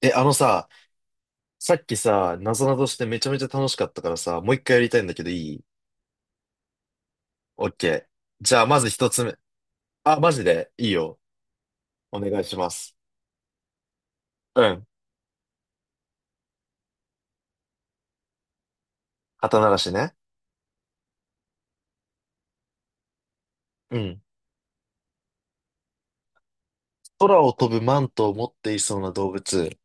あのさ、さっきさ、なぞなぞしてめちゃめちゃ楽しかったからさ、もう一回やりたいんだけどいい？オッケー。じゃあ、まず一つ目。あ、マジでいいよ。お願いします。うん。肩慣らしね。うん。空を飛ぶマントを持っていそうな動物。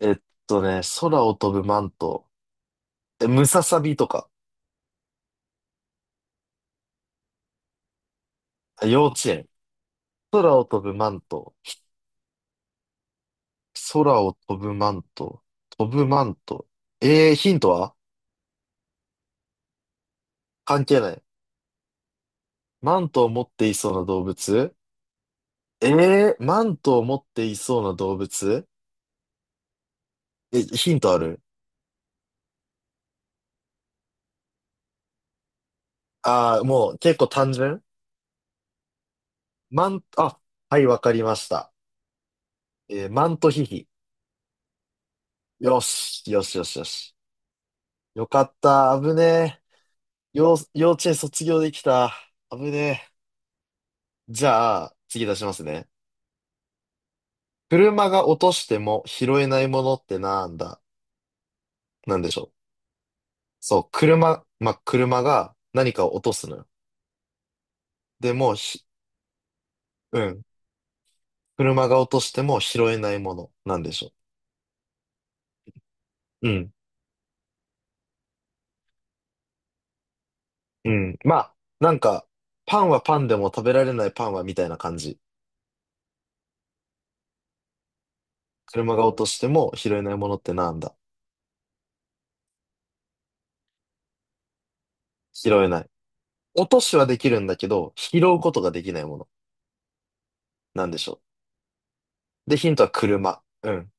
えっ空を飛ぶマント。え、ムササビとか。あ、幼稚園。空を飛ぶマント。空を飛ぶマント。飛ぶマント。えー、ヒントは？関係ない。マントを持っていそうな動物。ええー、マントを持っていそうな動物。え、ヒントある？ああー、もう結構単純？マン、あ、はい、わかりました。マントヒヒ。よし、よしよしよし。よかった、危ねえ。幼稚園卒業できた。危ねえ。じゃあ、次出しますね。車が落としても拾えないものってなんだ？なんでしょう？そう、車、まあ、車が何かを落とすのよ。でも、ひ、うん。車が落としても拾えないもの。なんでしょう？うん。うん。まあ、なんか、パンはパンでも食べられないパンはみたいな感じ。車が落としても拾えないものってなんだ？拾えない。落としはできるんだけど、拾うことができないもの。なんでしょう。で、ヒントは車。うん、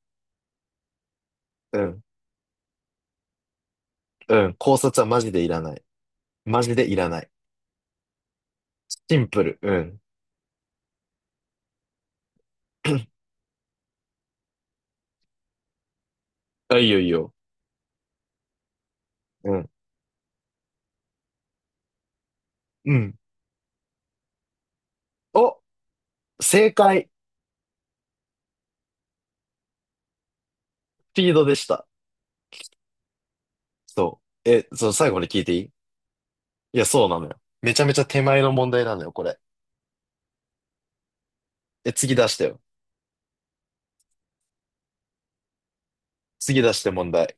うん、うん。考察はマジでいらない。マジでいらない。シンプル。うん。あ、いいよいいよ。うん、うん。お、正解。スピードでした。そう。え、そう、最後に聞いていい？いや、そうなのよ。めちゃめちゃ手前の問題なのよ、これ。え、次出してよ。次出して問題。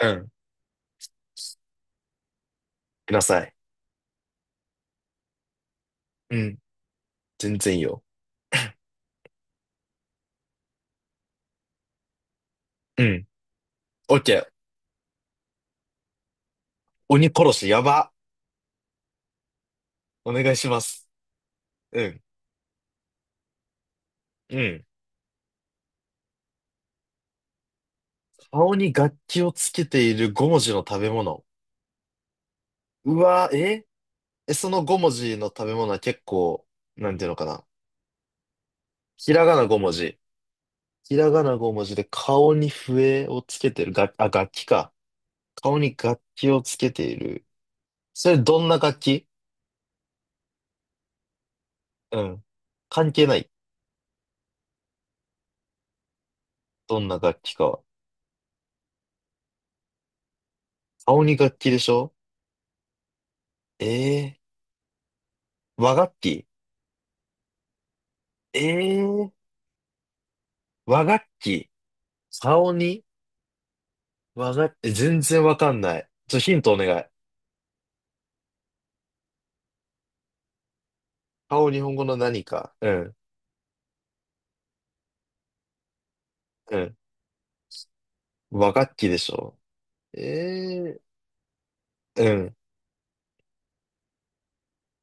うん。ください。うん。全然いいよ。うん。オッケー。鬼殺し、やば。お願いします。うん。うん。顔に楽器をつけている五文字の食べ物。うわ、ええ、その五文字の食べ物は結構、なんていうのかな。ひらがな五文字。ひらがな五文字で顔に笛をつけてる。が、あ、楽器か。顔に楽器をつけている。それどんな楽器？うん。関係ない。どんな楽器かは。顔に楽器でしょ？ええー、和楽器？ええー、和楽器。顔に和楽器。え、全然わかんない。ちょ、ヒントお願い。顔、日本語の何か。うん、うん。和楽器でしょ。ええー、うん。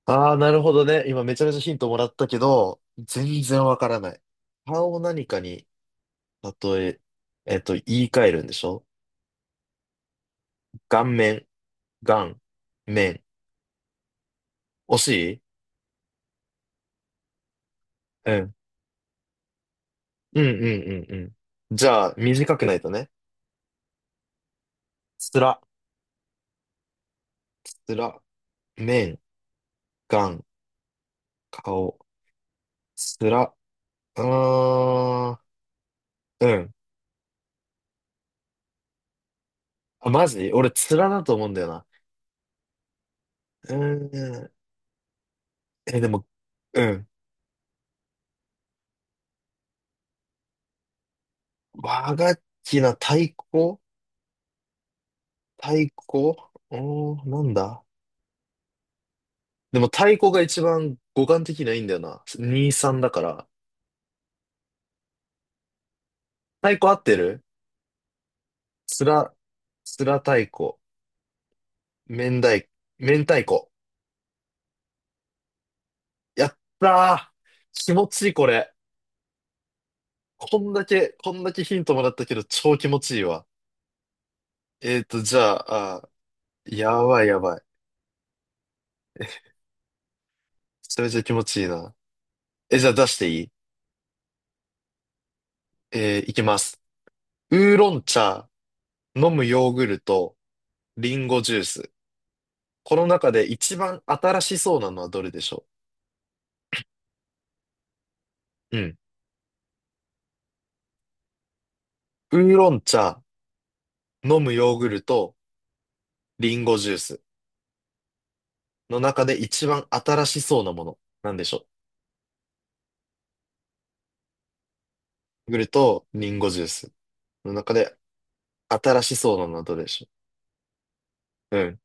ああ、なるほどね。今めちゃめちゃヒントもらったけど、全然わからない。顔を何かに、例え、えっと、言い換えるんでしょ？顔面、顔、面。惜しい？うん。うんうんうんうん。じゃあ、短くないとね。つら、つら、面、顔。顔。つら。うーん。うん。あ、マジ俺、つらだと思うんだよな。うーん。え、でも、うん。和楽器な、太鼓？太鼓、うーん、なんだ？でも太鼓が一番五感的にはいいんだよな。2、3だから。太鼓合ってる？つら、つら太鼓。明太、明太子。やったー、気持ちいい、これ。こんだけ、こんだけヒントもらったけど、超気持ちいいわ。じゃあ、あ、やばいやばい。それゃめちゃ気持ちいいな。え、じゃあ出していい？いきます。ウーロン茶、飲むヨーグルト、リンゴジュース。この中で一番新しそうなのはどれでしょう？うん。ウーロン茶、飲むヨーグルト、リンゴジュースの中で一番新しそうなもの。なんでしょう？ヨーグルト、リンゴジュースの中で新しそうなのはどれでしょう？うん。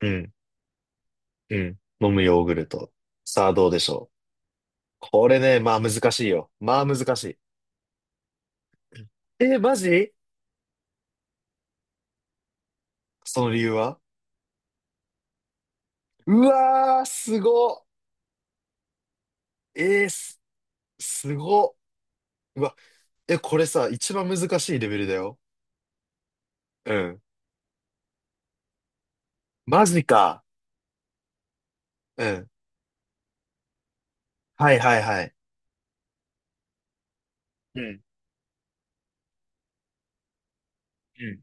うん。うん。飲むヨーグルト。さあどうでしょう？これね、まあ難しいよ。まあ難しい。えー、マジ？その理由は？うわー、すごっ。えー、す、すごっ。うわ、え、これさ、一番難しいレベルだよ。うん。マジか。うん。はいはいはい。うん、うん、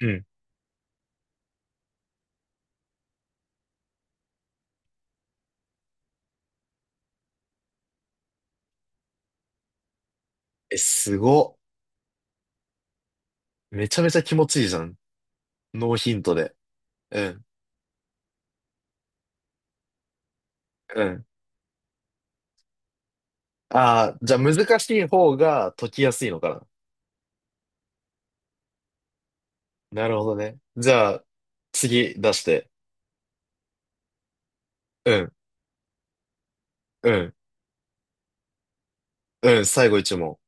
うん。え、すごっ、めちゃめちゃ気持ちいいじゃん。ノーヒントで。うん、うん。ああ、じゃあ難しい方が解きやすいのかな。なるほどね。じゃあ、次出して。うん、うん、うん。最後一問。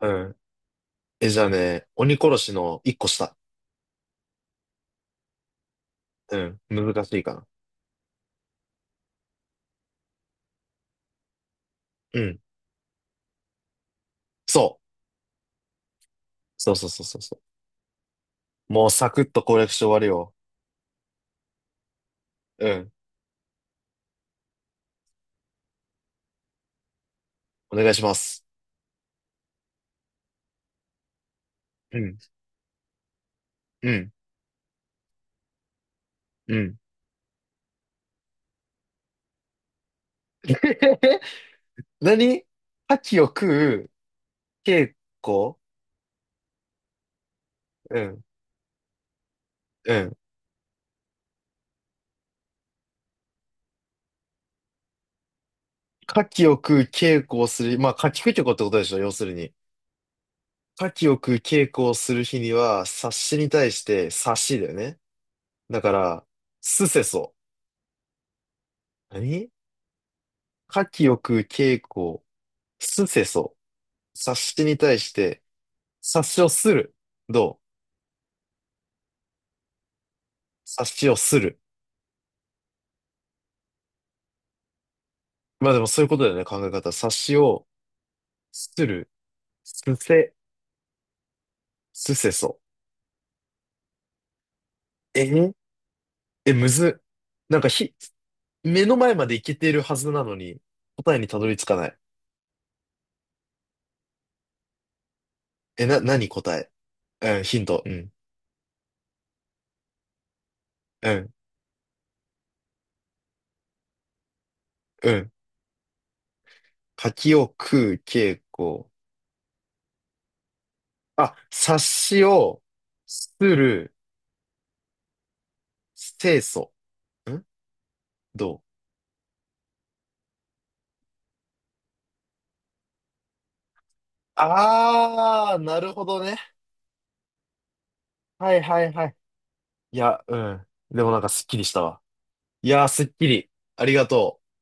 うん。え、じゃあね、鬼殺しの一個下。うん、難しいかな。うん、そう。そう。もうサクッと攻略して終わるよ。うん、お願いします。うん、うん、うん。何？牡蠣を食う稽古？うん、うん。牡蠣を食う稽古をする。まあ、牡蠣食いってことでしょ、要するに。牡蠣を食う稽古をする日には、察しに対して察しだよね。だから、すせそ。何？牡蠣を食う稽古、すせそ。察しに対して、察しをする。どう？察しをする。まあでもそういうことだよね、考え方。察しをする。すせ、すせそ。ええ、むずっ。なんかひ、目の前までいけてるはずなのに、答えにたどり着かない。え、何答え？うん、ヒント。うん。うん、うん。柿を食う傾向。あ、察しをする、清楚。ん？どう？あー、なるほどね。はいはいはい。いや、うん。でもなんかすっきりしたわ。いやー、すっきり。ありがとう。